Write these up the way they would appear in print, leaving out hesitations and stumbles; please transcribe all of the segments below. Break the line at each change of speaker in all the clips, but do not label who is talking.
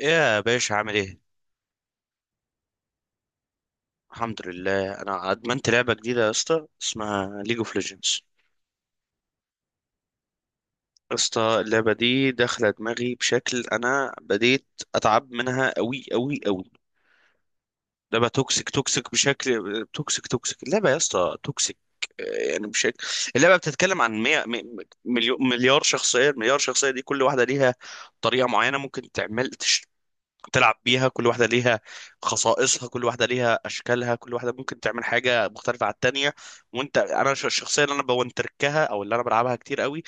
يا باشا، عامل ايه؟ الحمد لله. انا ادمنت لعبه جديده يا اسطى، اسمها ليج اوف ليجندز. يا اسطى اللعبه دي داخله دماغي بشكل، انا بديت اتعب منها قوي قوي قوي. لعبه توكسيك، توكسيك بشكل، توكسيك توكسيك اللعبه يا اسطى، توكسيك. آه، يعني بشكل اللعبه بتتكلم عن 100 مليون مليار شخصيه. المليار شخصيه دي كل واحده ليها طريقه معينه ممكن تعمل، تلعب بيها. كل واحدة ليها خصائصها، كل واحدة ليها أشكالها، كل واحدة ممكن تعمل حاجة مختلفة عن التانية. وأنت، أنا الشخصية اللي أنا بونتركها أو اللي أنا بلعبها كتير قوي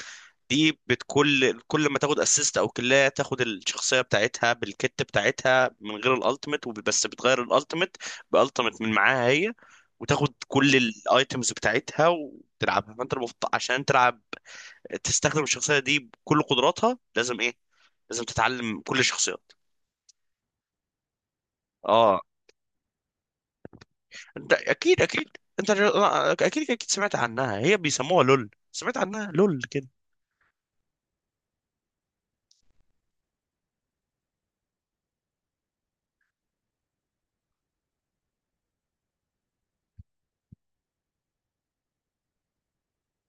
دي، بتكل كل ما تاخد اسيست أو كلاية، تاخد الشخصية بتاعتها بالكت بتاعتها من غير الألتيميت، وبس بتغير الألتيميت بألتيميت من معاها هي، وتاخد كل الايتمز بتاعتها وتلعبها. فانت المفروض عشان تلعب تستخدم الشخصيه دي بكل قدراتها لازم ايه؟ لازم تتعلم كل الشخصيات. اه، ده اكيد اكيد. انت اكيد اكيد سمعت عنها، هي بيسموها لول، سمعت عنها لول كده.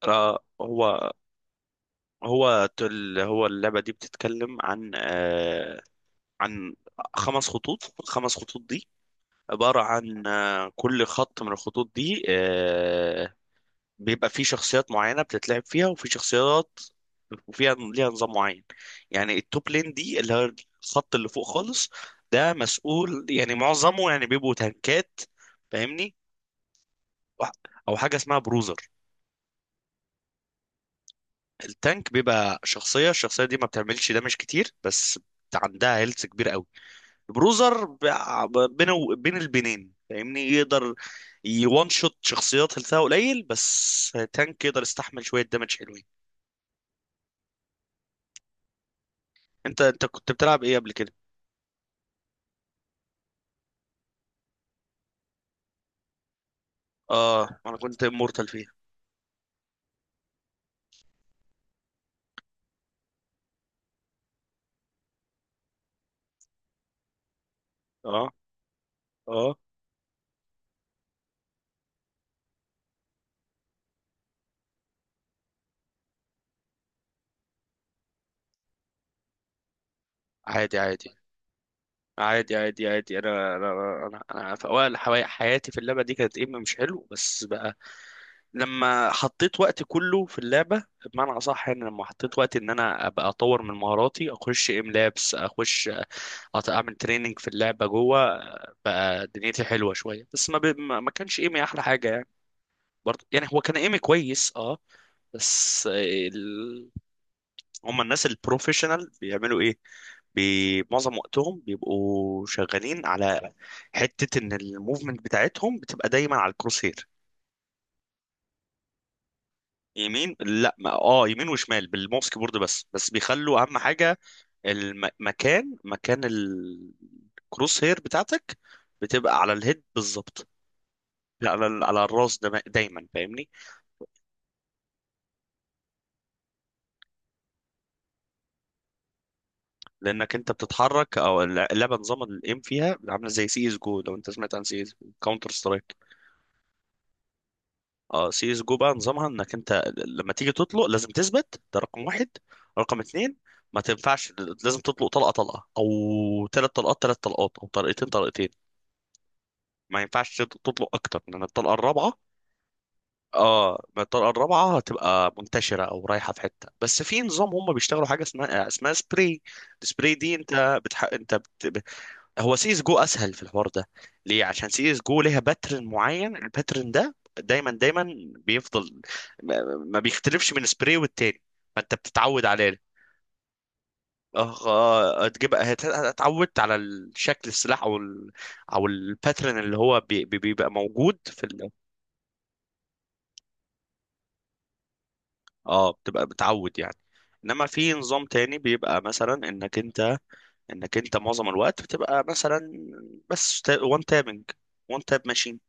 آه. هو هو تل هو اللعبة دي بتتكلم عن عن 5 خطوط. ال5 خطوط دي عبارة عن كل خط من الخطوط دي بيبقى فيه شخصيات معينة بتتلعب فيها، وفي شخصيات وفيها ليها نظام معين. يعني التوب لين دي اللي هو الخط اللي فوق خالص، ده مسؤول، يعني معظمه يعني بيبقوا تانكات، فاهمني، او حاجه اسمها بروزر. التانك بيبقى شخصيه، الشخصيه دي ما بتعملش دامج كتير، بس عندها هيلث كبير قوي. البروزر بقى بين البنين فاهمني، يقدر يوان شوت شخصيات هيلثها قليل، بس تانك يقدر يستحمل شويه دامج حلوين. انت كنت بتلعب ايه قبل كده؟ اه، انا كنت مورتال فيها. اه، اه. عادي عادي، عادي عادي عادي. أنا في اوائل حياتي في اللعبه دي كانت ايم مش حلو، بس بقى لما حطيت وقت كله في اللعبه، بمعنى اصح يعني لما حطيت وقت ان انا ابقى اطور من مهاراتي، اخش ام لابس اخش اعمل تريننج في اللعبه جوه، بقى دنيتي حلوه شويه. بس ما ب... ما ما كانش ايمي احلى حاجه يعني، برضه يعني هو كان ايمي كويس. اه. بس هم الناس البروفيشنال بيعملوا ايه؟ معظم وقتهم بيبقوا شغالين على حتة ان الموفمنت بتاعتهم بتبقى دايما على الكروسير. يمين، لا، ما اه، يمين وشمال بالماوس كيبورد، بس بس بيخلوا اهم حاجة المكان، مكان الكروس هير بتاعتك، بتبقى على الهيد بالظبط، على على الراس ده دايما، فاهمني. لانك انت بتتحرك، او اللعبه نظام الايم فيها عامله زي سي اس جو. لو انت سمعت عن سي اس، كاونتر سترايك. اه، سي اس جو بقى نظامها انك انت لما تيجي تطلق لازم تثبت، ده رقم 1. رقم 2، ما تنفعش، لازم تطلق طلقه طلقه، او 3 طلقات 3 طلقات، او طلقتين طلقتين. ما ينفعش تطلق اكتر، لان الطلقه الرابعه، اه، ما الطلقه الرابعه هتبقى منتشره او رايحه في حته. بس في نظام هم بيشتغلوا حاجه اسمها سبراي. السبراي دي انت بت... هو سي اس جو اسهل في الحوار ده. ليه؟ عشان سي اس جو ليها باترن معين، الباترن ده دايما دايما بيفضل ما ما بيختلفش من سبراي والتاني، فانت بتتعود عليه. اه. هتجيب اتعودت على الشكل السلاح او او الباترن اللي هو بيبقى موجود في اه، بتبقى بتعود يعني. انما في نظام تاني بيبقى مثلا انك انت، انك انت معظم الوقت بتبقى مثلا بس وان تابنج، وان تاب ماشين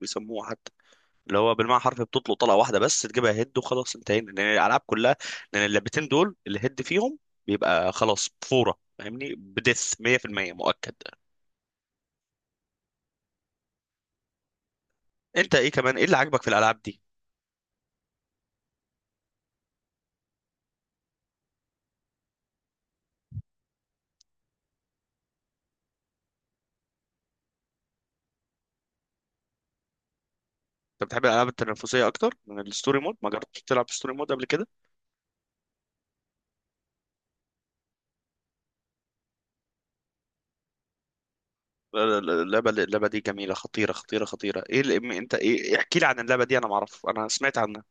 بيسموها، اللي هو بالمعنى حرفي بتطلق طلقه واحده بس تجيبها هيد وخلاص، انتهينا، لان الالعاب كلها، لان اللعبتين دول الهيد فيهم بيبقى خلاص فوره، فاهمني، بدث 100% مؤكد. انت ايه كمان، ايه اللي عاجبك في الالعاب دي؟ انت بتحب الالعاب التنافسيه اكتر من الستوري مود؟ ما جربتش تلعب في ستوري مود قبل كده؟ اللعبه دي جميله، خطيره خطيره خطيره. ايه اللي انت، ايه، احكي لي عن اللعبه دي، انا ما اعرف، انا سمعت عنها.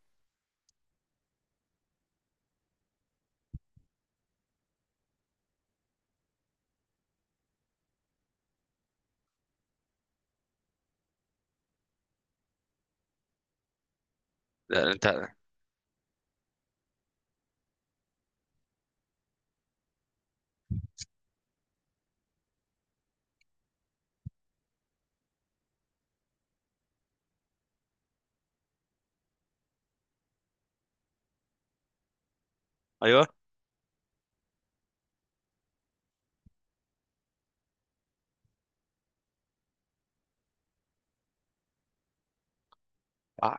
لا، انت. ايوه. آه.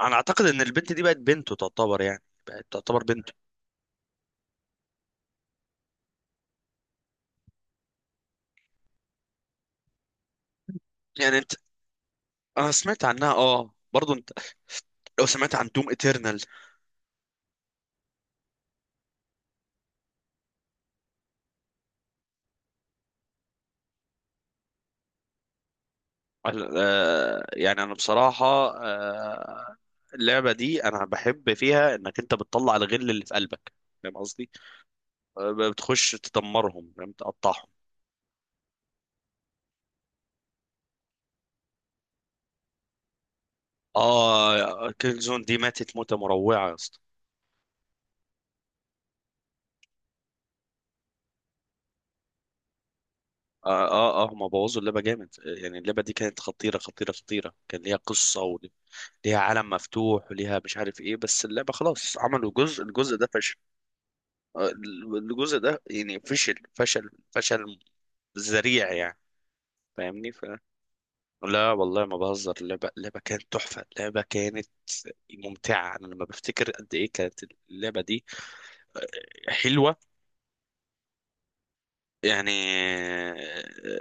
انا اعتقد ان البنت دي بقت بنته تعتبر، يعني بقت تعتبر بنته. يعني انت، انا سمعت عنها اه برضه. لو سمعت عن دوم اترنال. يعني انا بصراحة، آه، اللعبة دي انا بحب فيها انك انت بتطلع الغل اللي في قلبك، فاهم قصدي؟ بتخش تدمرهم، فاهم، تقطعهم. اه، كيل زون دي ماتت موتة مروعة يا اسطى. اه اه. هما بوظوا اللعبة جامد. يعني اللعبة دي كانت خطيرة خطيرة خطيرة، كان ليها قصة وليها عالم مفتوح وليها مش عارف ايه، بس اللعبة خلاص، عملوا جزء الجزء ده فشل. آه، الجزء ده يعني فشل فشل فشل ذريع يعني، فاهمني ف. لا والله ما بهزر، اللعبة اللعبة كانت تحفة، اللعبة كانت ممتعة. أنا لما بفتكر قد إيه كانت اللعبة دي حلوة، يعني، آه،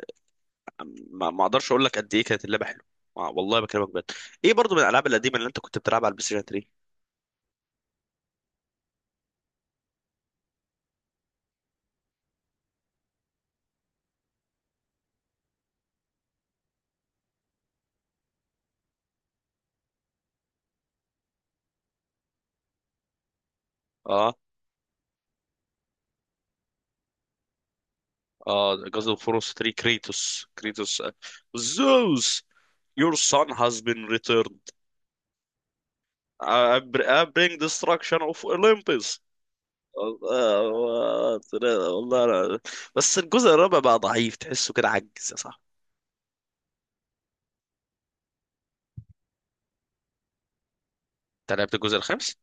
ما أقدرش أقول لك قد إيه كانت اللعبة حلوة. والله بكلمك بجد. إيه برضو من الألعاب القديمة اللي أنت كنت بتلعبها على البلاي ستيشن 3؟ آه. آه، جاز أوف وور 3، كريتوس، كريتوس. زوس. Your son has been returned. I bring destruction of Olympus. والله هو. والله أنا. بس الجزء الرابع بقى ضعيف، تحسه كده عجز يا صاحبي. انت لعبت الجزء الخامس؟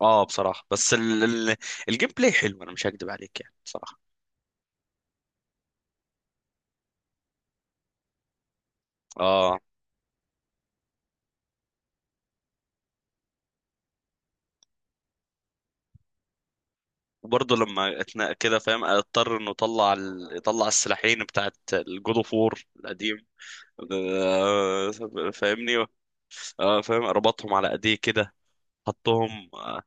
اه بصراحة بس ال... الجيم بلاي حلو، انا مش هكدب عليك يعني بصراحة. اه. وبرضه لما اتنا كده فاهم، اضطر انه يطلع يطلع السلاحين بتاعت الجود اوف وور القديم. آه، فاهمني. اه فاهم، ربطهم على ايديه كده، حطهم.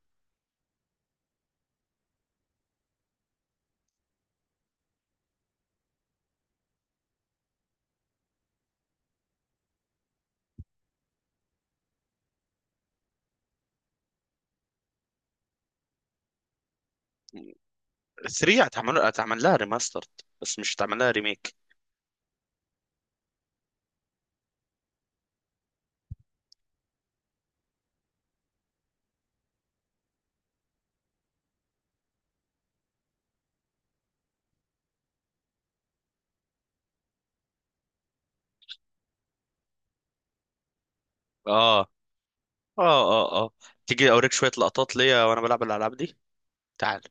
3 هتعمل لها ريماستر، بس مش هتعمل لها ريميك. اه اه اه اه. تيجي اوريك شوية لقطات ليا وانا بلعب الالعاب دي. تعال.